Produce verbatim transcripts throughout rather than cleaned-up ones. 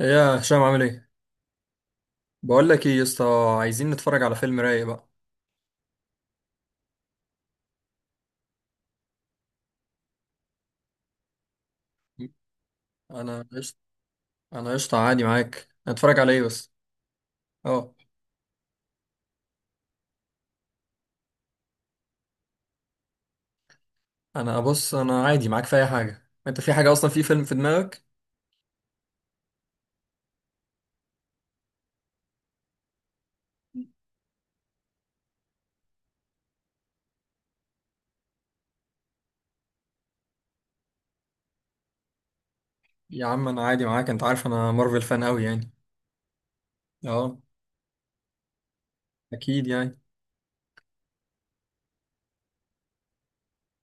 إيه يا هشام عامل ايه؟ بقول لك ايه يا اسطى. عايزين نتفرج على فيلم رايق بقى. انا قشطة. انا قشطة عادي معاك، هنتفرج على ايه بس؟ اه. انا بص انا عادي معاك في اي حاجة، انت في حاجة اصلا، في فيلم في دماغك؟ يا عم انا عادي معاك، انت عارف انا مارفل فان قوي يعني. اه. اكيد يعني.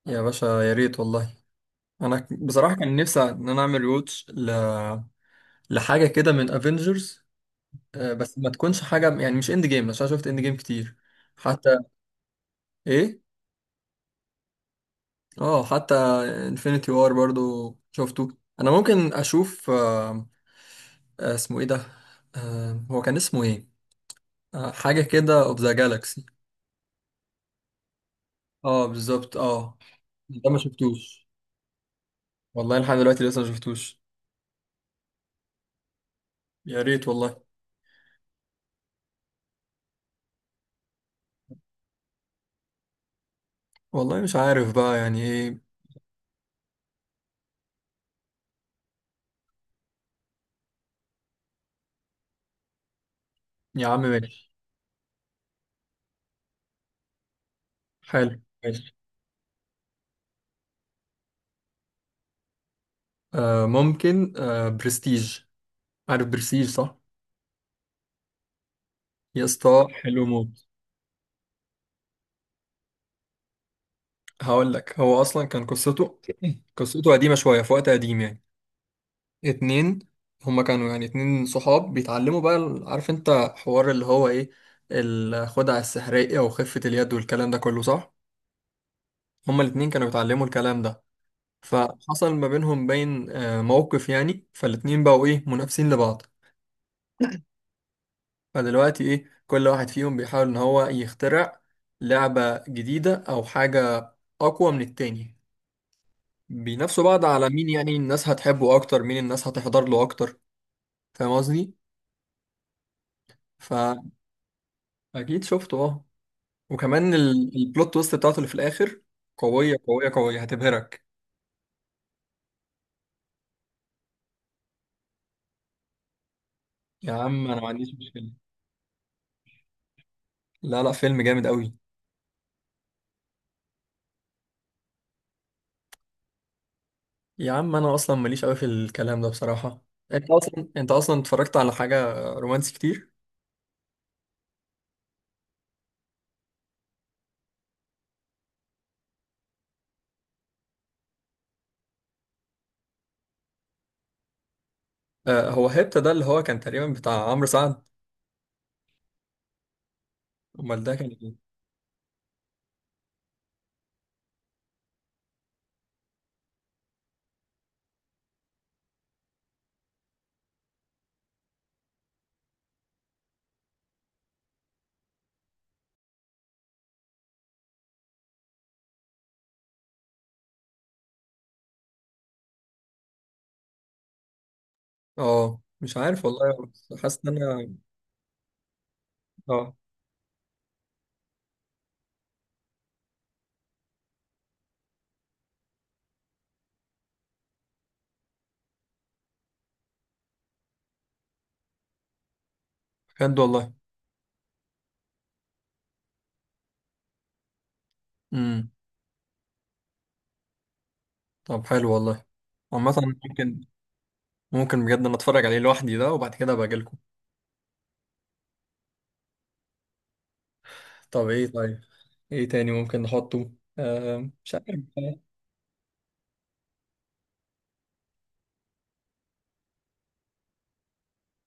يا باشا يا ريت والله. انا بصراحة كان نفسي ان انا اعمل روتش ل... لحاجة كده من افنجرز. بس ما تكونش حاجة يعني مش اند جيم، عشان شفت اند جيم كتير. حتى. ايه؟ اه حتى. انفينيتي وار برضو شفته، انا ممكن اشوف. آه، آه، اسمه ايه ده؟ آه، هو كان اسمه ايه؟ آه، حاجه كده اوف ذا جالاكسي. اه بالظبط اه. ده ما شفتوش. والله لحد دلوقتي لسه ما شفتوش. يا ريت والله. والله مش عارف بقى يعني ايه. يا عم ماشي. حلو ماشي. آه ممكن، آه برستيج. عارف برستيج صح؟ يا اسطى حلو موت. هقول لك هو اصلا كان قصته، قصته قديمه شويه، في وقت قديم يعني. اتنين. هما كانوا يعني اتنين صحاب بيتعلموا بقى ال- عارف انت، حوار اللي هو ايه، الخدعة السحرية وخفة اليد والكلام ده كله صح؟ هما الاتنين كانوا بيتعلموا الكلام ده. فحصل ما بينهم بين آه، موقف يعني، فالاتنين بقوا ايه منافسين لبعض. فدلوقتي ايه، كل واحد فيهم بيحاول ان هو يخترع لعبة جديدة او حاجة اقوى من التاني. بينافسوا بعض على مين يعني الناس هتحبه اكتر، مين الناس هتحضر له اكتر. فاهم قصدي؟ فأكيد. شفته اه. وكمان ال- البلوت تويست بتاعته اللي في الاخر، قويه قويه قويه هتبهرك. يا عم انا ما عنديش مشكله. لا لا فيلم جامد قوي. يا عم انا اصلا ماليش قوي في الكلام ده بصراحه. انت اصلا انت اصلا اتفرجت على حاجه رومانسي كتير؟ آه، هو هيبتا ده اللي هو كان تقريبا بتاع عمرو سعد. امال ده كان ايه؟ اه مش عارف والله، بس حاسس ان انا. اه. بجد والله. امم. طب حلو والله. عامه. ممكن. ممكن بجد انا اتفرج عليه لوحدي ده، وبعد كده ابقى أجيلكم. طب ايه طيب. ايه تاني ممكن نحطه؟ آه مش عارف.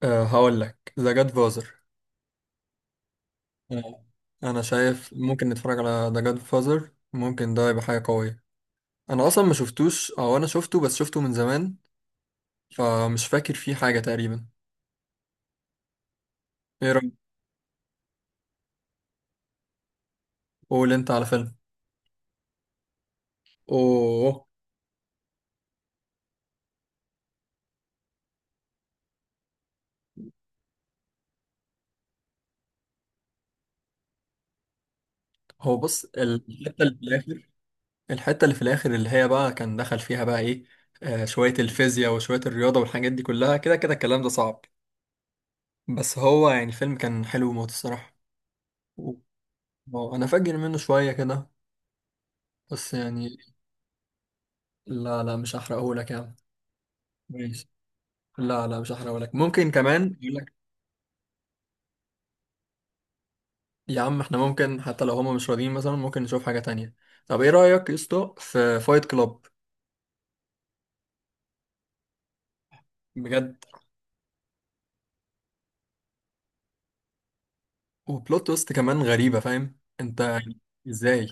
آه هقول لك، ذا جاد فازر. آه. انا شايف ممكن نتفرج على ذا جاد فازر، ممكن ده يبقى حاجة قوية. انا اصلا ما شفتوش، او انا شفته بس شفته من زمان. فمش فاكر فيه حاجة تقريبا. ايه رأيك؟ قول انت على فيلم. اوه. هو بص، الحتة اللي في الاخر، الحتة اللي في الاخر اللي هي بقى كان دخل فيها بقى ايه، آه شوية الفيزياء وشوية الرياضة والحاجات دي كلها، كده كده الكلام ده صعب. بس هو يعني الفيلم كان حلو موت الصراحة. اه انا فاكر منه شويه كده، بس يعني. لا لا مش هحرقهولك يا عم. ماشي. لا لا مش هحرقهولك، ممكن كمان يقول لك. يا عم احنا ممكن حتى لو هما مش راضيين مثلا ممكن نشوف حاجه تانية. طب ايه رايك يا اسطى في فايت كلاب؟ بجد. وبلوت تويست كمان غريبه، فاهم انت يعني. ازاي؟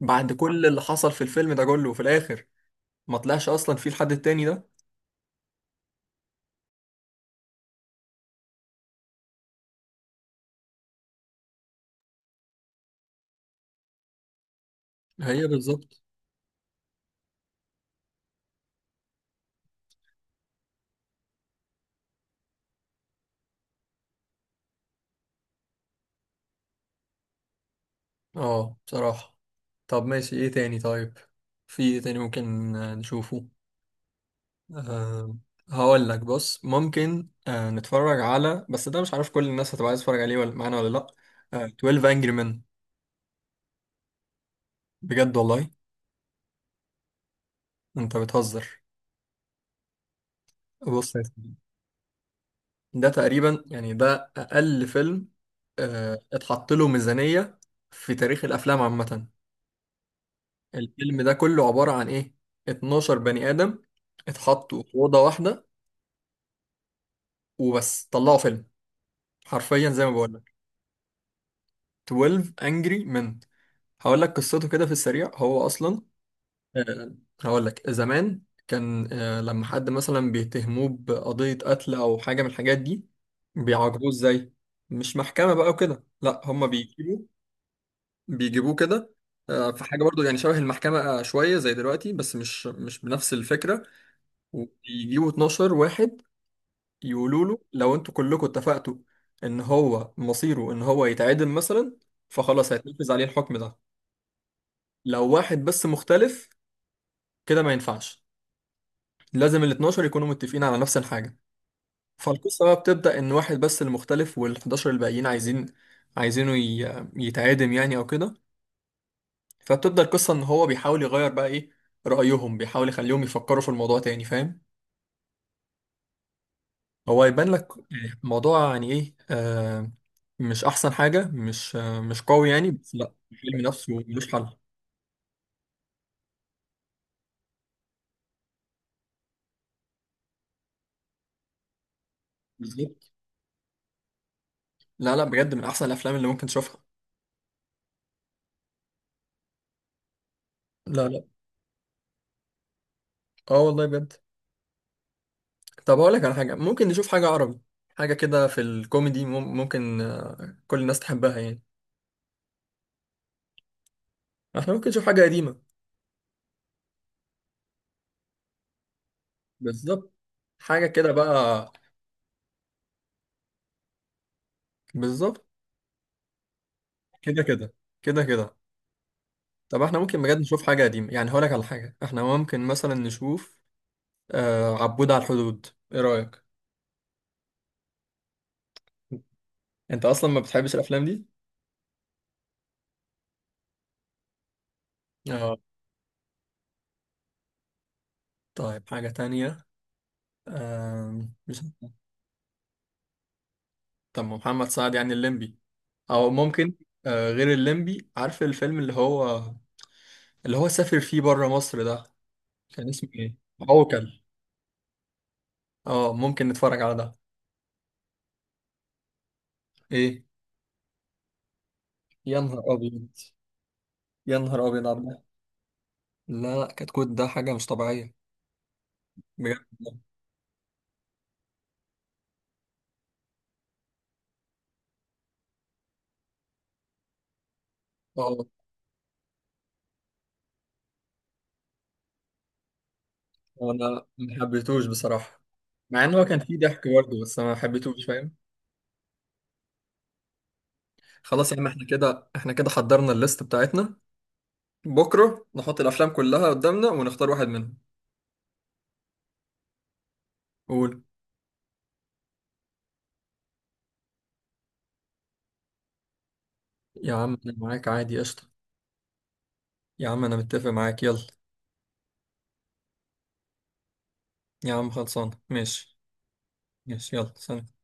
بعد كل اللي حصل في الفيلم ده كله، وفي الاخر ما طلعش اصلا في الحد التاني ده. هي بالظبط. اه بصراحه. طب ماشي، ايه تاني طيب. في ايه تاني ممكن آه، نشوفه؟ أه. هقول لك بص، ممكن أه نتفرج على، بس ده مش عارف كل الناس هتبقى عايز تتفرج عليه ولا معانا ولا لا. أه، اتناشر Angry Men. بجد والله. انت بتهزر. بص يا سيدي، ده تقريبا يعني ده اقل فيلم أه اتحط له ميزانية في تاريخ الافلام عامة. الفيلم ده كله عبارة عن ايه؟ اتناشر بني ادم اتحطوا في أوضة واحدة وبس، طلعوا فيلم حرفيا زي ما بقول لك. اتناشر Angry Men. هقول لك قصته كده في السريع. هو اصلا آه، هقول لك، زمان كان آه، لما حد مثلا بيتهموه بقضية قتل أو حاجة من الحاجات دي، بيعاقبوه إزاي؟ مش محكمة بقى وكده، لا هما بيجيبوه، بيجيبوه كده، آه، في حاجة برضو يعني شبه المحكمة، آه، شوية زي دلوقتي بس مش مش بنفس الفكرة. ويجيبوا اتناشر واحد، يقولوا له لو انتوا كلكم اتفقتوا ان هو مصيره ان هو يتعدم مثلا، فخلاص هيتنفذ عليه الحكم ده. لو واحد بس مختلف كده ما ينفعش، لازم ال اتناشر يكونوا متفقين على نفس الحاجة. فالقصة بقى بتبدأ، إن واحد بس اللي مختلف، وال حداشر الباقيين عايزين، عايزينه ي- يتعادم يعني أو كده. فبتبدأ القصة إن هو بيحاول يغير بقى إيه رأيهم، بيحاول يخليهم يفكروا في الموضوع تاني، فاهم. هو يبان لك يعني الموضوع يعني إيه، آه مش أحسن حاجة، مش آه مش قوي يعني، بس لأ الفيلم نفسه ملوش حل. بالظبط. لا لا بجد من أحسن الأفلام اللي ممكن تشوفها. لا لا. اه والله بجد. طب اقول لك على حاجه، ممكن نشوف حاجه عربي، حاجه كده في الكوميدي، مم- ممكن آه، كل الناس تحبها يعني. احنا ممكن نشوف حاجه قديمه. بالظبط. حاجه كده بقى. بالظبط. كده كده. كده كده. طب احنا ممكن بجد نشوف حاجه قديمه يعني، هقول لك على حاجه احنا ممكن مثلا نشوف، آه، عبود على الحدود. ايه رايك؟ انت اصلا ما بتحبش الافلام دي. اه. طيب حاجه تانية. آم، مش عارف. طب ما محمد سعد يعني الليمبي، او ممكن آه غير الليمبي، عارف الفيلم اللي هو، اللي هو سافر فيه بره مصر ده، كان اسمه ايه؟ عوكل. اه ممكن نتفرج على ده. ايه. يا نهار ابيض. يا نهار ابيض على ده. لا لا كتكوت ده حاجه مش طبيعيه. بجد. اه انا ما حبيتهوش بصراحه، مع ان هو كان فيه ضحك برضه بس انا ما حبيتهوش فاهم. خلاص يا عم، احنا كده احنا كده حضرنا الليست بتاعتنا، بكره نحط الافلام كلها قدامنا ونختار واحد منهم. قول. يا عم انا معاك عادي قشطه. يا عم انا متفق معاك يلا. يا عم خلصان ماشي. ماشي يلا، سلام.